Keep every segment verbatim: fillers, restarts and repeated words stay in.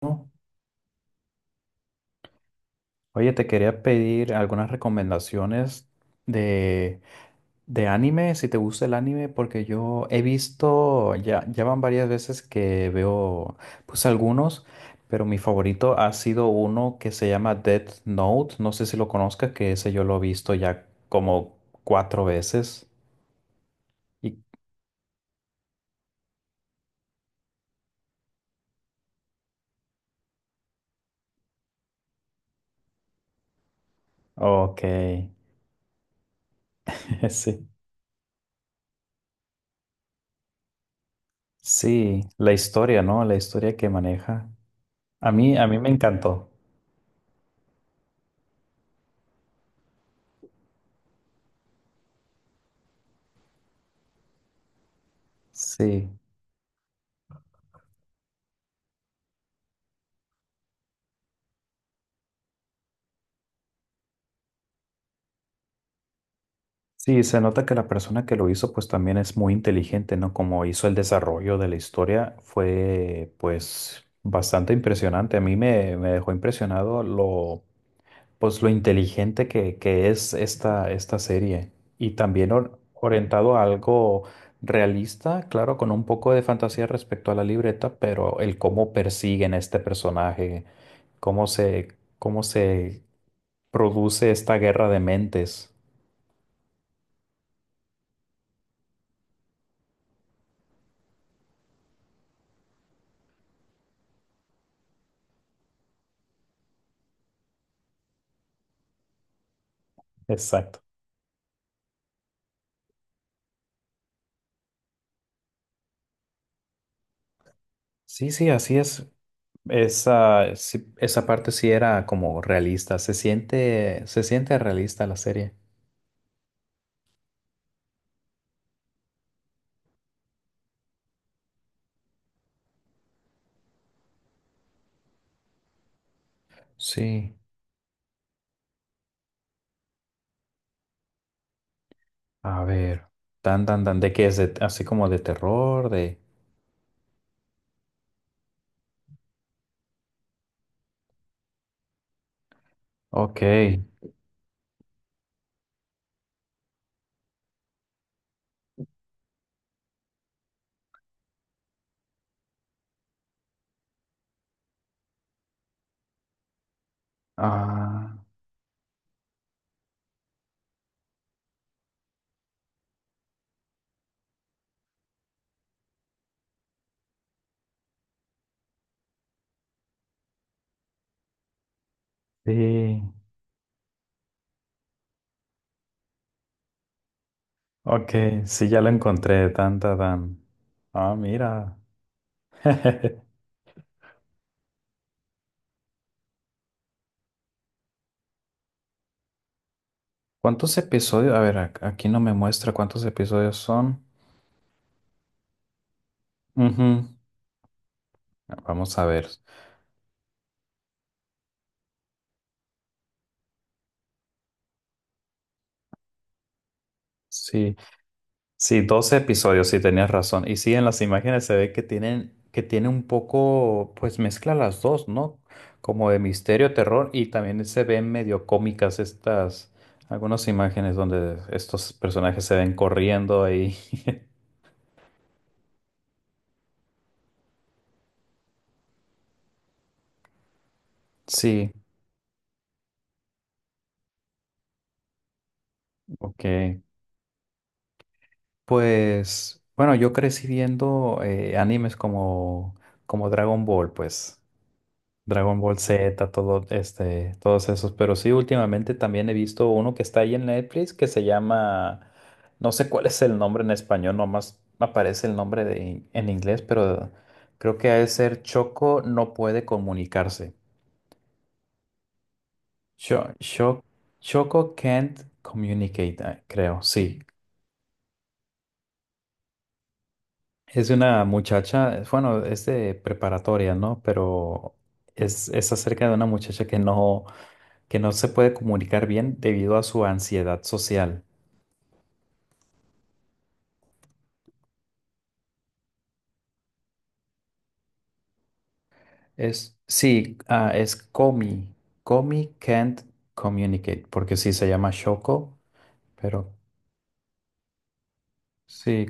¿No? Oye, te quería pedir algunas recomendaciones de, de anime, si te gusta el anime, porque yo he visto, ya, ya van varias veces que veo, pues algunos, pero mi favorito ha sido uno que se llama Death Note, no sé si lo conozcas, que ese yo lo he visto ya como cuatro veces. Y, ok, sí. Sí, la historia, ¿no? La historia que maneja. A mí, a mí me encantó. Sí. Sí, se nota que la persona que lo hizo pues también es muy inteligente, ¿no? Como hizo el desarrollo de la historia fue pues bastante impresionante. A mí me, me dejó impresionado lo pues lo inteligente que, que es esta, esta serie y también or- orientado a algo realista, claro, con un poco de fantasía respecto a la libreta, pero el cómo persiguen a este personaje, cómo se, cómo se produce esta guerra de mentes. Exacto. Sí, sí, así es. Esa, sí- esa parte sí era como realista. Se siente, se siente realista la serie. Sí. A ver. Tan, tan, tan. ¿De qué es? De, así como de terror, de... Ok. Ah, sí. Ok, sí, ya lo encontré. Tan, tan, tan. Ah, mira. ¿Cuántos episodios? A ver, ac- aquí no me muestra cuántos episodios son. Ujú. Vamos a ver. Sí. Sí, doce episodios, sí, tenías razón. Y sí, en las imágenes se ve que tienen, que tiene un poco, pues mezcla las dos, ¿no? Como de misterio, terror, y también se ven medio cómicas estas, algunas imágenes donde estos personajes se ven corriendo ahí. Sí, ok. Pues, bueno, yo crecí viendo eh, animes como, como Dragon Ball, pues. Dragon Ball Z, todo este, todos esos. Pero sí, últimamente también he visto uno que está ahí en Netflix que se llama, no sé cuál es el nombre en español, nomás aparece el nombre de, en inglés, pero creo que ha de ser Choco no puede comunicarse. Cho- Cho- Choco can't communicate, ah, creo, sí. Es de una muchacha, es- bueno, es de preparatoria, ¿no? Pero es, es acerca de una muchacha que no que no se puede comunicar bien debido a su ansiedad social. Es, sí, ah, es Komi. Komi can't communicate, porque sí se llama Shoko, pero sí,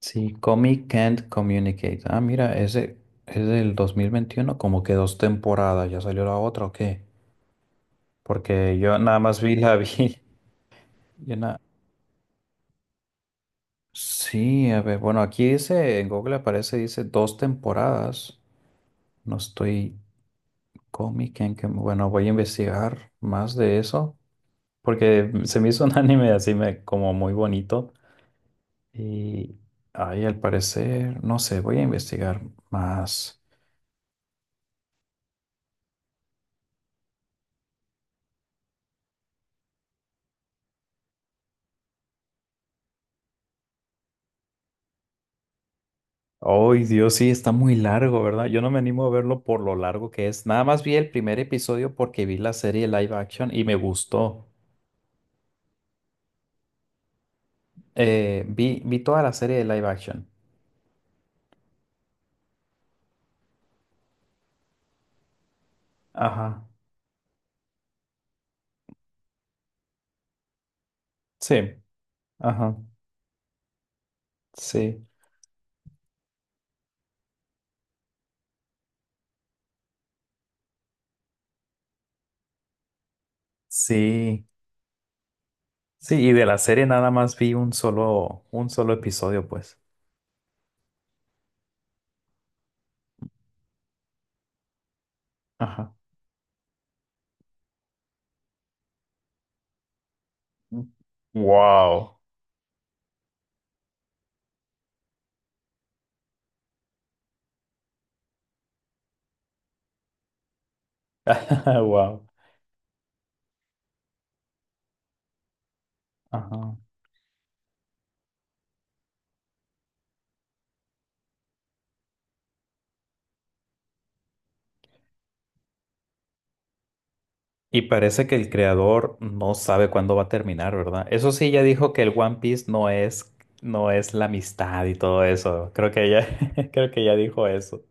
sí, Komi can't communicate. Ah, mira, ese es del dos mil veintiuno, como que dos temporadas, ¿ya salió la otra o qué? Porque yo nada más vi la vi. Yo na- Sí, a ver, bueno, aquí dice, en Google aparece, dice dos temporadas. No estoy Comic en que- bueno, voy a investigar más de eso porque se me hizo un anime así me, como muy bonito y ahí al parecer, no sé, voy a investigar más. Ay, Dios, sí, está muy largo, ¿verdad? Yo no me animo a verlo por lo largo que es. Nada más vi el primer episodio porque vi la serie live action y me gustó. Eh, vi, vi toda la serie de live action. Ajá, sí, ajá, sí. Sí, sí, y de la serie nada más vi un solo, un solo episodio, pues. Ajá. Wow. Wow. Ajá. Y parece que el creador no sabe cuándo va a terminar, ¿verdad? Eso sí, ya dijo que el One Piece no es, no es la amistad y todo eso. Creo que ya creo que ya dijo eso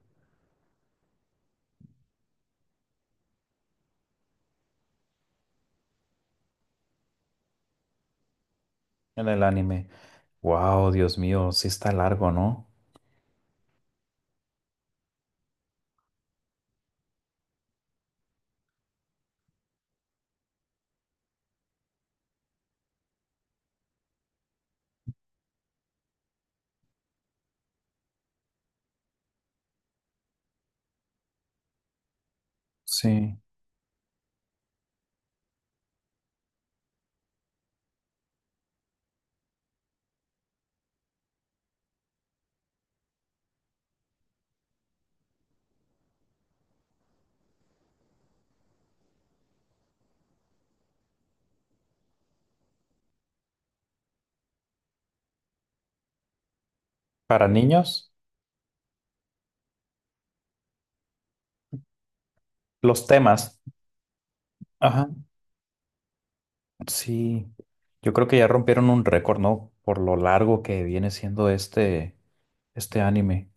en el anime. Wow, Dios mío, sí está largo, ¿no? Sí. ¿Para niños? Los temas. Ajá. Sí, yo creo que ya rompieron un récord, ¿no? Por lo largo que viene siendo este, este anime.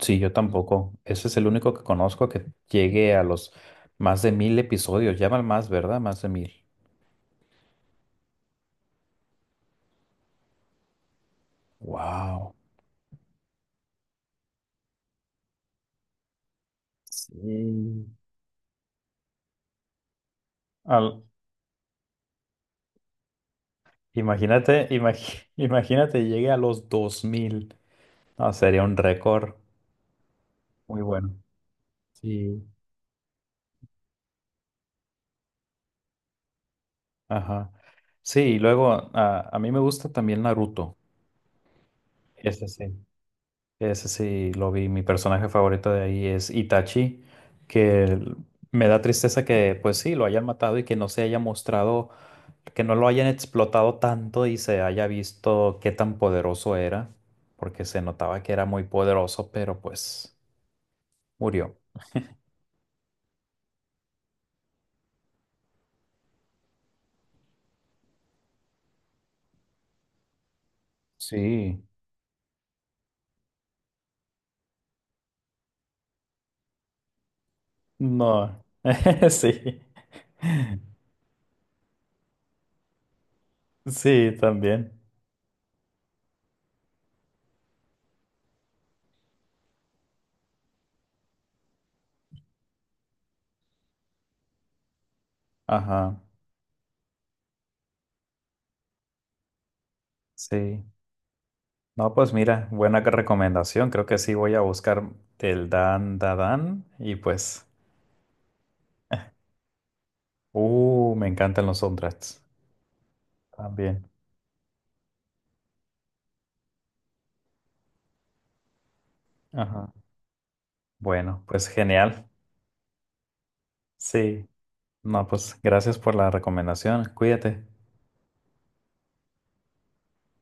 Sí, yo tampoco. Ese es el único que conozco que llegue a los más de mil episodios. Llaman más, ¿verdad? Más de mil. Wow. Sí. Al- imagínate, imagi- imagínate, llegue a los dos mil. No, sería un récord muy bueno. Sí. Ajá. Sí, y luego a, a mí me gusta también Naruto. Ese sí. Ese sí lo vi. Mi personaje favorito de ahí es Itachi, que el- me da tristeza que, pues sí, lo hayan matado y que no se haya mostrado, que no lo hayan explotado tanto y se haya visto qué tan poderoso era, porque se notaba que era muy poderoso, pero pues murió. Sí, no, sí, sí, también. Ajá, sí. No, pues mira, buena que recomendación. Creo que sí voy a buscar el Dan Dadan y pues, uh, me encantan los soundtracks también. Ajá. Bueno, pues genial. Sí. No, pues gracias por la recomendación. Cuídate.